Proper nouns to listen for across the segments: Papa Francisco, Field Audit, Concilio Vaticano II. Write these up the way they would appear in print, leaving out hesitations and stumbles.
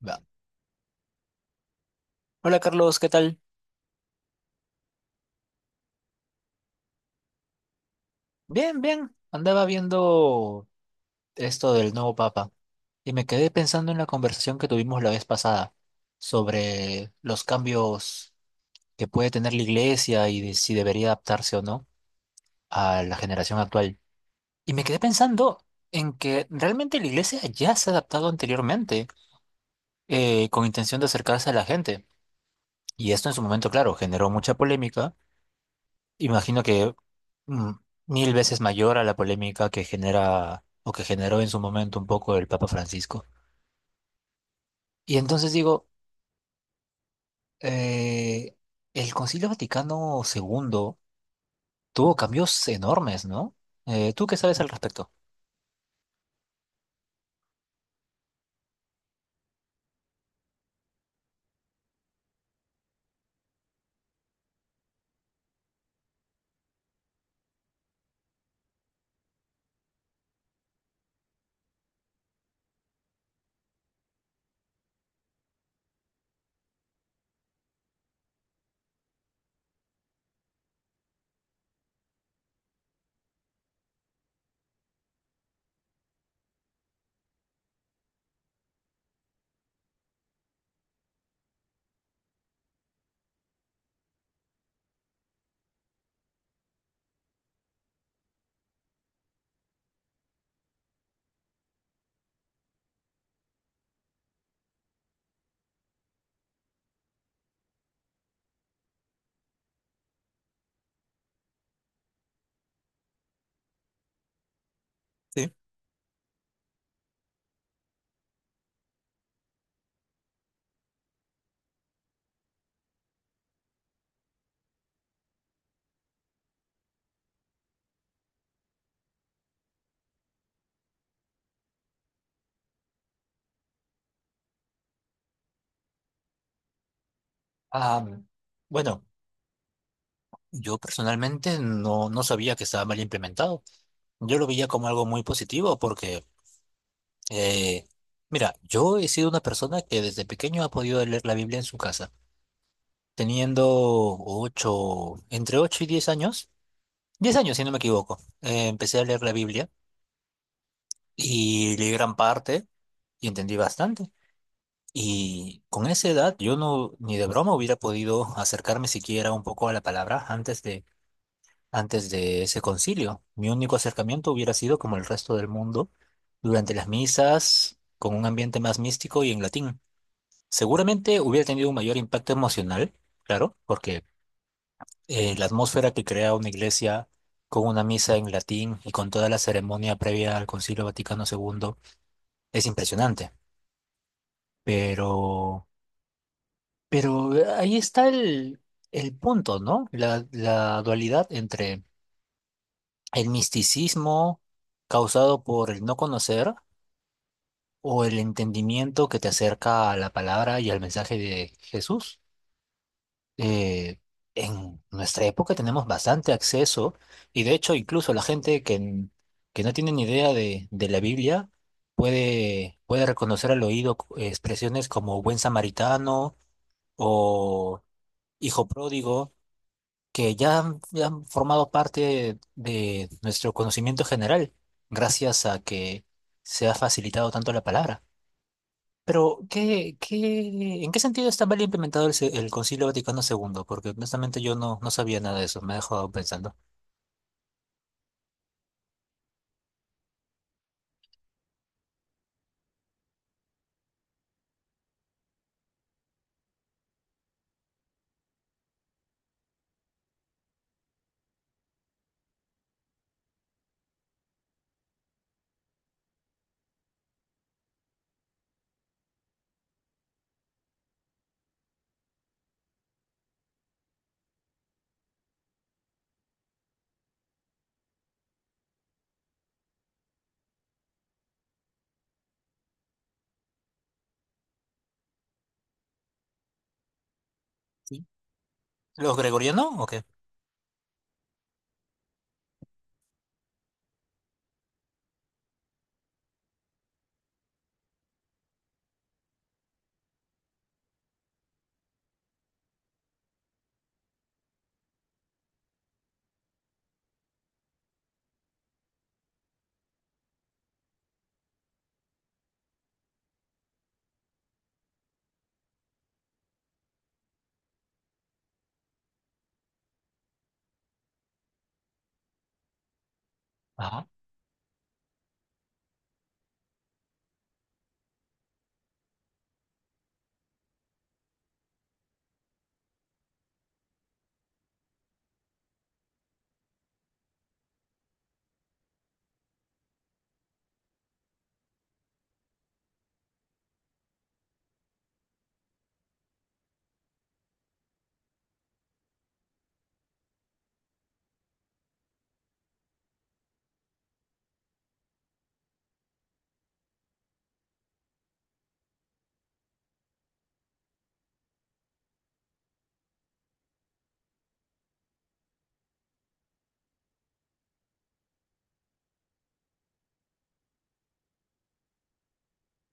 Va. Hola Carlos, ¿qué tal? Bien, bien. Andaba viendo esto del nuevo Papa y me quedé pensando en la conversación que tuvimos la vez pasada sobre los cambios que puede tener la Iglesia y de si debería adaptarse o no a la generación actual. Y me quedé pensando en que realmente la Iglesia ya se ha adaptado anteriormente, con intención de acercarse a la gente. Y esto en su momento, claro, generó mucha polémica, imagino que mm, mil veces mayor a la polémica que genera o que generó en su momento un poco el Papa Francisco. Y entonces digo, eh, el Concilio Vaticano II tuvo cambios enormes, ¿no? Tú qué sabes al respecto? Sí. Ah, bueno, yo personalmente no sabía que estaba mal implementado. Yo lo veía como algo muy positivo porque, eh, mira, yo he sido una persona que desde pequeño ha podido leer la Biblia en su casa. Teniendo ocho, entre 8 y 10 años si no me equivoco, empecé a leer la Biblia y leí gran parte y entendí bastante. Y con esa edad yo no, ni de broma hubiera podido acercarme siquiera un poco a la palabra antes de ese concilio. Mi único acercamiento hubiera sido como el resto del mundo, durante las misas, con un ambiente más místico y en latín. Seguramente hubiera tenido un mayor impacto emocional, claro, porque la atmósfera que crea una iglesia con una misa en latín y con toda la ceremonia previa al Concilio Vaticano II es impresionante. Pero, pero ahí está el punto, ¿no? La dualidad entre el misticismo causado por el no conocer o el entendimiento que te acerca a la palabra y al mensaje de Jesús. eh, en nuestra época tenemos bastante acceso y de hecho incluso la gente que no tiene ni idea de la Biblia puede reconocer al oído expresiones como buen samaritano o hijo pródigo ya han formado parte de nuestro conocimiento general gracias a que se ha facilitado tanto la palabra. Pero, ¿ en qué sentido está mal implementado el Concilio Vaticano II? Porque honestamente yo no sabía nada de eso, me ha dejado pensando. Sí. ¿Los gregorianos o qué? Ajá.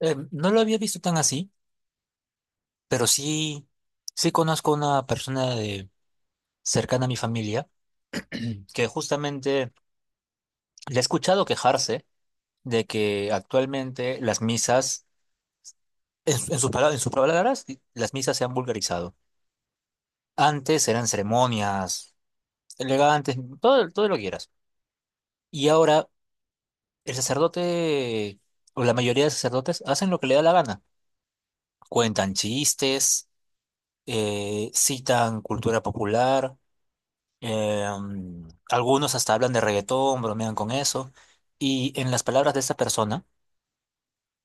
No lo había visto tan así, pero sí, sí conozco una persona de, cercana a mi familia que justamente le he escuchado quejarse de que actualmente las misas, en, su- en sus palabras, las misas se han vulgarizado. Antes eran ceremonias elegantes, todo, todo lo que quieras. Y ahora el sacerdote, o la mayoría de sacerdotes, hacen lo que le da la gana. Cuentan chistes, citan cultura popular, algunos hasta hablan de reggaetón, bromean con eso. Y en las palabras de esta persona,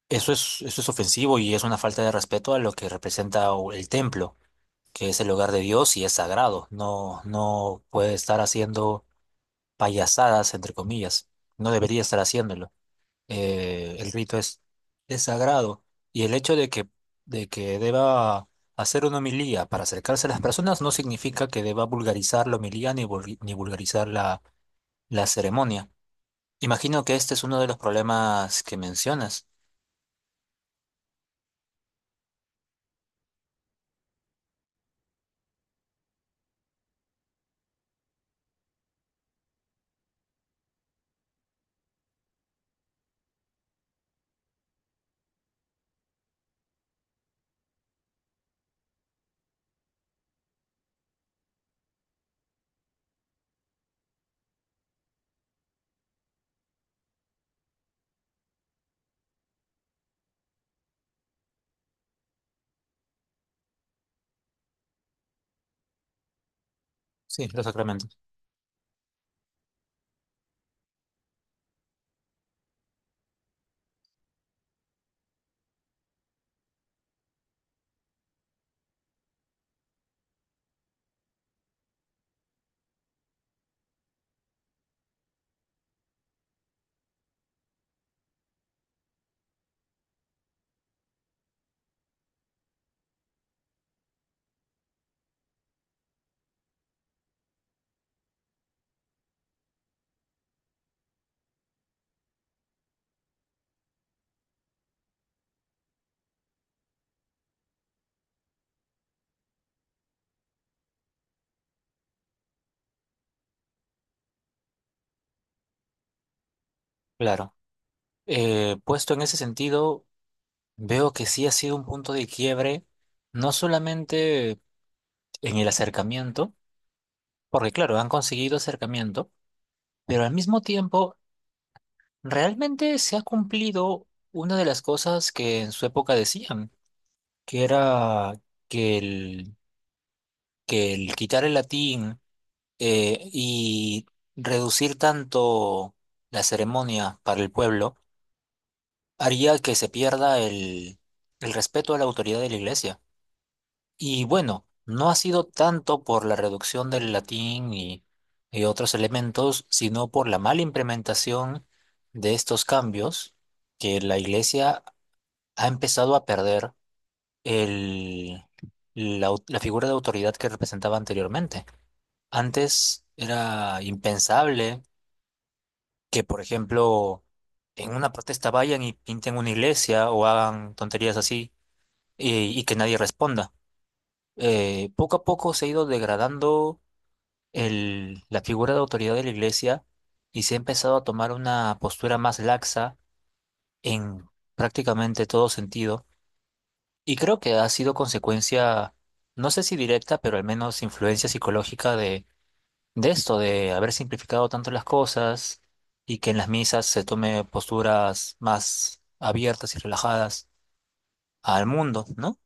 eso es ofensivo y es una falta de respeto a lo que representa el templo, que es el hogar de Dios y es sagrado. No puede estar haciendo payasadas, entre comillas. No debería estar haciéndolo. eh, el rito es, es sagrado y el hecho de que deba hacer una homilía para acercarse a las personas no significa que deba vulgarizar la homilía ni vulgarizar la ceremonia. Imagino que este es uno de los problemas que mencionas. Sí, los sacramentos. Claro. Puesto en ese sentido, veo que sí ha sido un punto de quiebre, no solamente en el acercamiento, porque claro, han conseguido acercamiento, pero al mismo tiempo realmente se ha cumplido una de las cosas que en su época decían, que era que el, que el quitar el latín y reducir tanto la ceremonia para el pueblo haría que se pierda el respeto a la autoridad de la iglesia. Y bueno, no ha sido tanto por la reducción del latín y otros elementos, sino por la mala implementación de estos cambios, que la iglesia ha empezado a perder el, la figura de autoridad que representaba anteriormente. Antes era impensable que, por ejemplo, en una protesta vayan y pinten una iglesia o hagan tonterías así y que nadie responda. Poco a poco se ha ido degradando la figura de autoridad de la iglesia y se ha empezado a tomar una postura más laxa en prácticamente todo sentido. Y creo que ha sido consecuencia, no sé si directa, pero al menos influencia psicológica de esto, de haber simplificado tanto las cosas y que en las misas se tome posturas más abiertas y relajadas al mundo, ¿no?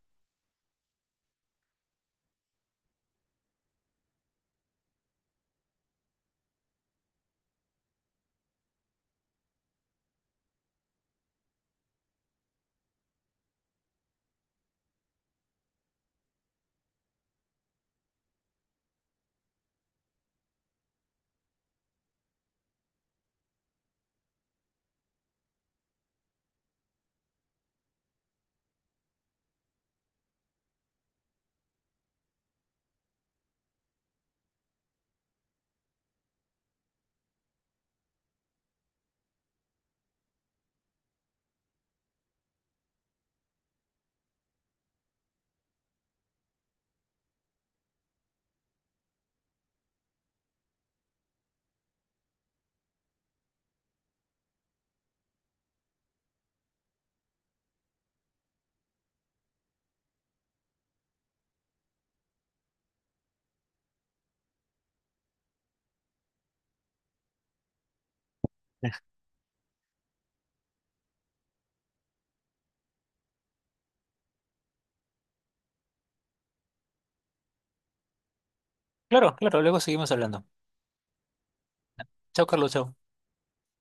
Claro, claro, luego seguimos hablando. Chao, Carlos, chao.